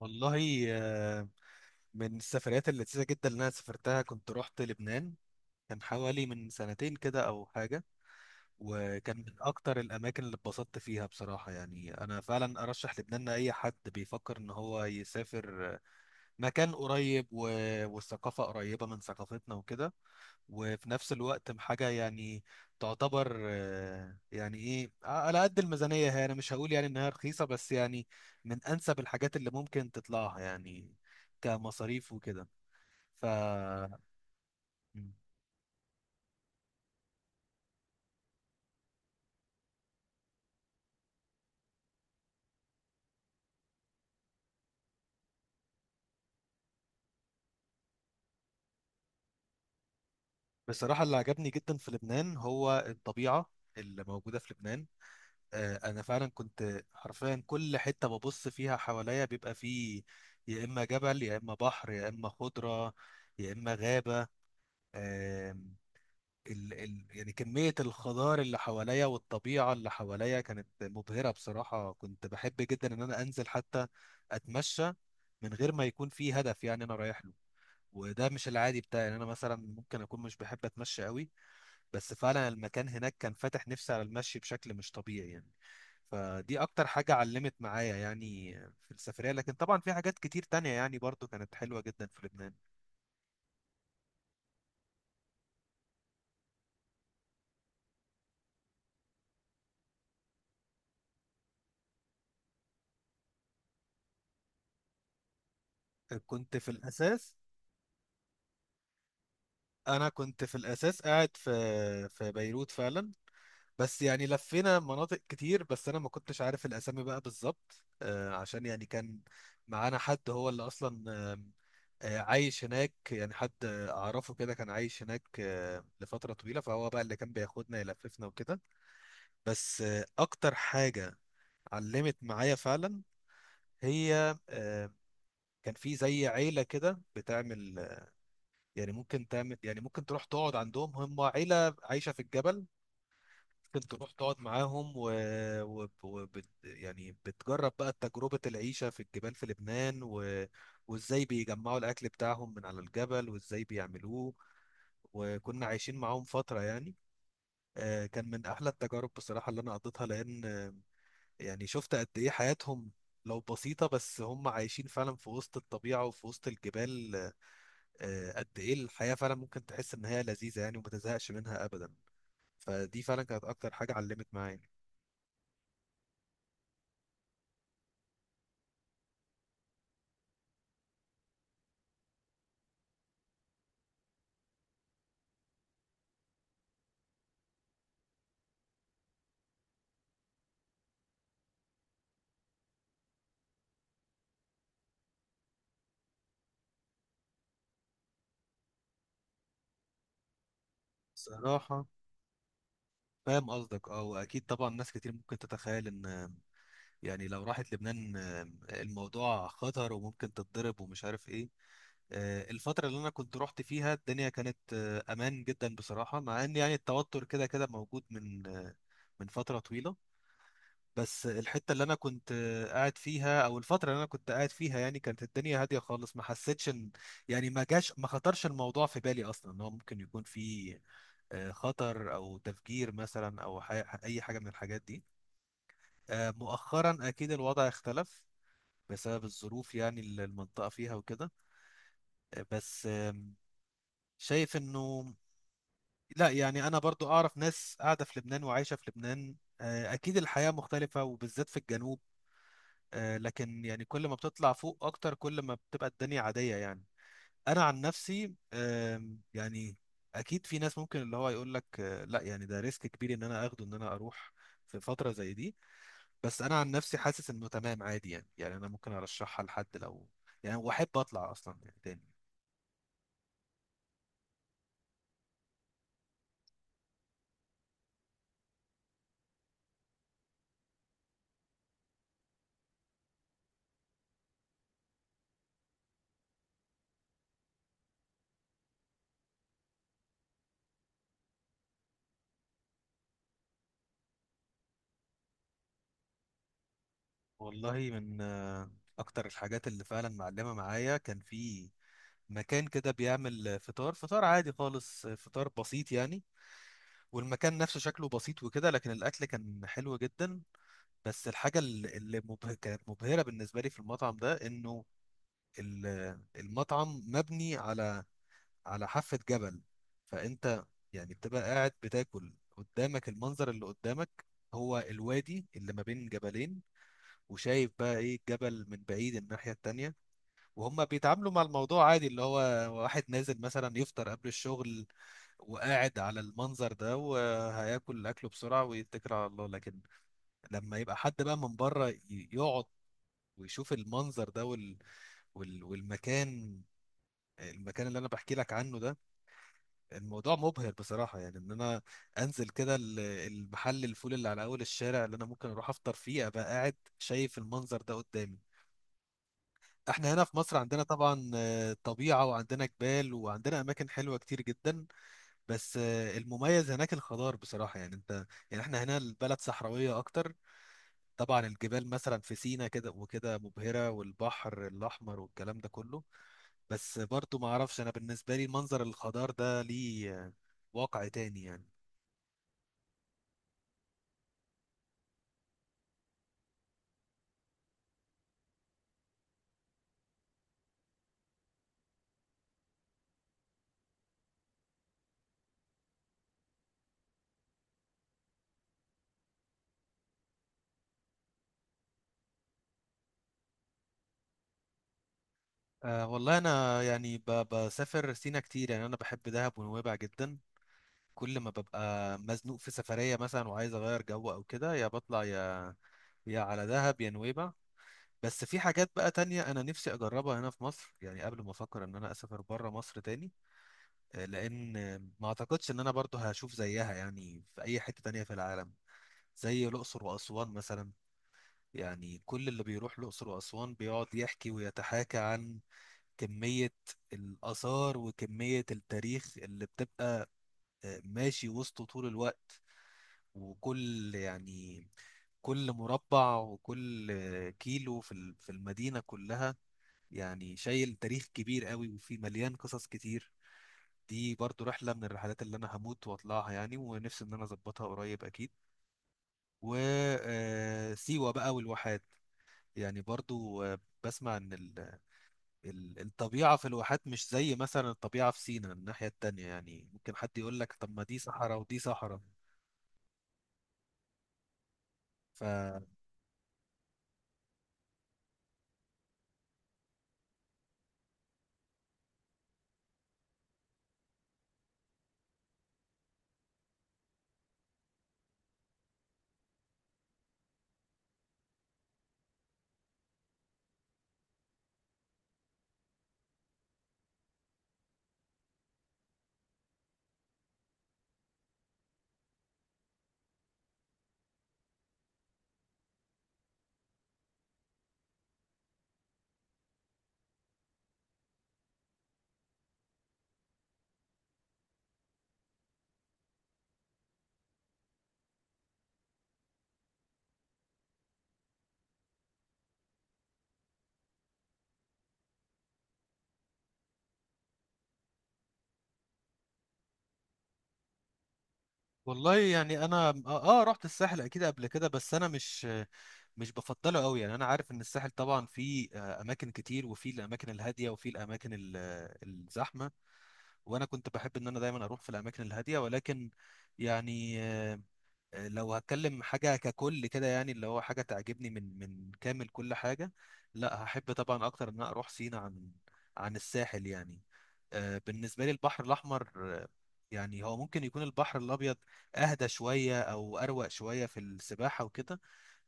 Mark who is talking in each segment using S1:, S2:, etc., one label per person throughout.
S1: والله من السفريات اللذيذة جدا اللي أنا سافرتها كنت رحت لبنان. كان حوالي من سنتين كده أو حاجة، وكان من أكتر الأماكن اللي اتبسطت فيها بصراحة. يعني أنا فعلا أرشح لبنان لأي حد بيفكر إن هو يسافر مكان قريب والثقافة قريبة من ثقافتنا وكده، وفي نفس الوقت حاجة يعني تعتبر يعني ايه على قد الميزانية. هي انا مش هقول يعني انها رخيصة، بس يعني من انسب الحاجات اللي ممكن تطلعها يعني كمصاريف وكده. ف بصراحة اللي عجبني جدا في لبنان هو الطبيعة اللي موجودة في لبنان. انا فعلا كنت حرفيا كل حتة ببص فيها حواليا بيبقى فيه يا اما جبل يا اما بحر يا اما خضرة يا اما غابة. آم، ال ال يعني كمية الخضار اللي حواليا والطبيعة اللي حواليا كانت مبهرة بصراحة. كنت بحب جدا إن أنا أنزل حتى أتمشى من غير ما يكون في هدف يعني أنا رايح له. وده مش العادي بتاعي، يعني أنا مثلا ممكن أكون مش بحب أتمشى قوي، بس فعلا المكان هناك كان فاتح نفسي على المشي بشكل مش طبيعي يعني. فدي أكتر حاجة علمت معايا يعني في السفرية، لكن طبعا في حاجات كتير تانية يعني برضو كانت حلوة جدا في لبنان. كنت في الأساس انا كنت في الاساس قاعد في بيروت فعلا، بس يعني لفينا مناطق كتير، بس انا ما كنتش عارف الاسامي بقى بالظبط عشان يعني كان معانا حد هو اللي اصلا آم، عايش هناك. يعني حد اعرفه كده كان عايش هناك لفترة طويلة، فهو بقى اللي كان بياخدنا يلففنا وكده. بس اكتر حاجة علمت معايا فعلا هي كان في زي عيلة كده بتعمل، يعني ممكن تعمل، يعني ممكن تروح تقعد عندهم. هم عيلة عايشة في الجبل، ممكن تروح تقعد معاهم يعني بتجرب بقى تجربة العيشة في الجبال في لبنان وازاي بيجمعوا الأكل بتاعهم من على الجبل وازاي بيعملوه، وكنا عايشين معاهم فترة يعني. كان من أحلى التجارب بصراحة اللي أنا قضيتها، لأن يعني شفت قد إيه حياتهم لو بسيطة، بس هم عايشين فعلا في وسط الطبيعة وفي وسط الجبال. قد إيه الحياة فعلا ممكن تحس إن هي لذيذة يعني، وما تزهقش منها أبدا. فدي فعلا كانت أكتر حاجة علمت معايا. صراحة فاهم قصدك، اه واكيد طبعا ناس كتير ممكن تتخيل ان يعني لو راحت لبنان الموضوع خطر وممكن تتضرب ومش عارف ايه. الفترة اللي انا كنت رحت فيها الدنيا كانت امان جدا بصراحة، مع ان يعني التوتر كده كده موجود من فترة طويلة. بس الحتة اللي انا كنت قاعد فيها او الفترة اللي انا كنت قاعد فيها يعني كانت الدنيا هادية خالص. ما حسيتش ان يعني ما جاش ما خطرش الموضوع في بالي اصلا ان هو ممكن يكون فيه خطر او تفجير مثلا او اي حاجه من الحاجات دي. مؤخرا اكيد الوضع اختلف بسبب الظروف يعني اللي المنطقه فيها وكده. بس شايف انه لا، يعني انا برضو اعرف ناس قاعده في لبنان وعايشه في لبنان. اكيد الحياه مختلفه وبالذات في الجنوب، لكن يعني كل ما بتطلع فوق اكتر كل ما بتبقى الدنيا عاديه يعني. انا عن نفسي يعني اكيد في ناس ممكن اللي هو يقول لك لا، يعني ده ريسك كبير ان انا اخده ان انا اروح في فترة زي دي. بس انا عن نفسي حاسس انه تمام عادي يعني، يعني انا ممكن ارشحها لحد لو يعني واحب اطلع اصلا يعني تاني. والله من اكتر الحاجات اللي فعلا معلمه معايا كان في مكان كده بيعمل فطار، فطار عادي خالص فطار بسيط يعني، والمكان نفسه شكله بسيط وكده، لكن الاكل كان حلو جدا. بس الحاجه اللي كانت مبهره بالنسبه لي في المطعم ده انه المطعم مبني على حافة جبل. فأنت يعني بتبقى قاعد بتاكل، قدامك المنظر اللي قدامك هو الوادي اللي ما بين جبلين، وشايف بقى ايه الجبل من بعيد الناحية التانية. وهم بيتعاملوا مع الموضوع عادي، اللي هو واحد نازل مثلا يفطر قبل الشغل وقاعد على المنظر ده، وهياكل أكله بسرعة ويتكل على الله. لكن لما يبقى حد بقى من بره يقعد ويشوف المنظر ده وال... وال... والمكان المكان اللي أنا بحكي لك عنه ده، الموضوع مبهر بصراحة. يعني ان انا انزل كده المحل الفول اللي على اول الشارع اللي انا ممكن اروح افطر فيه، ابقى قاعد شايف المنظر ده قدامي. احنا هنا في مصر عندنا طبعا طبيعة وعندنا جبال وعندنا اماكن حلوة كتير جدا، بس المميز هناك الخضار بصراحة. يعني انت يعني احنا هنا البلد صحراوية اكتر، طبعا الجبال مثلا في سينا كده وكده مبهرة والبحر الاحمر والكلام ده كله، بس برضو ما اعرفش انا بالنسبة لي منظر الخضار ده ليه واقع تاني يعني. أه والله أنا يعني بسافر سينا كتير، يعني أنا بحب دهب ونويبع جدا. كل ما ببقى مزنوق في سفرية مثلا وعايز أغير جو أو كده، يا بطلع يا على دهب يا نويبع. بس في حاجات بقى تانية أنا نفسي أجربها هنا في مصر، يعني قبل ما أفكر إن أنا أسافر بره مصر تاني. لأن ما أعتقدش إن أنا برضو هشوف زيها يعني في أي حتة تانية في العالم، زي الأقصر وأسوان مثلا. يعني كل اللي بيروح الأقصر وأسوان بيقعد يحكي ويتحاكى عن كمية الآثار وكمية التاريخ اللي بتبقى ماشي وسطه طول الوقت، وكل يعني كل مربع وكل كيلو في في المدينة كلها يعني شايل تاريخ كبير قوي وفي مليان قصص كتير. دي برضو رحلة من الرحلات اللي أنا هموت وأطلعها يعني، ونفسي إن أنا أظبطها قريب أكيد. وسيوة بقى والواحات، يعني برضو بسمع إن الطبيعة في الواحات مش زي مثلا الطبيعة في سيناء الناحية التانية، يعني ممكن حد يقول لك طب ما دي صحراء ودي صحراء. ف والله يعني انا اه رحت الساحل اكيد قبل كده، بس انا مش بفضله قوي. يعني انا عارف ان الساحل طبعا فيه اماكن كتير وفيه الاماكن الهاديه وفيه الاماكن الزحمه، وانا كنت بحب ان انا دايما اروح في الاماكن الهاديه، ولكن يعني لو هتكلم حاجة ككل كده، يعني اللي هو حاجة تعجبني من كامل كل حاجة، لا هحب طبعا أكتر إن أنا أروح سينا عن الساحل يعني. بالنسبة لي البحر الأحمر يعني هو ممكن يكون البحر الأبيض أهدى شوية أو أروق شوية في السباحة وكده،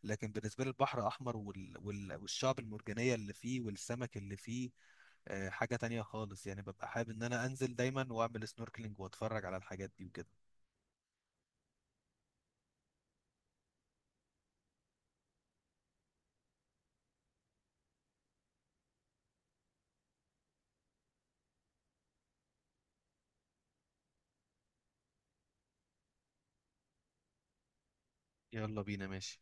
S1: لكن بالنسبة لي البحر الأحمر والشعب المرجانية اللي فيه والسمك اللي فيه حاجة تانية خالص يعني، ببقى حابب إن أنا أنزل دايما وأعمل سنوركلينج وأتفرج على الحاجات دي وكده. يلا بينا ماشي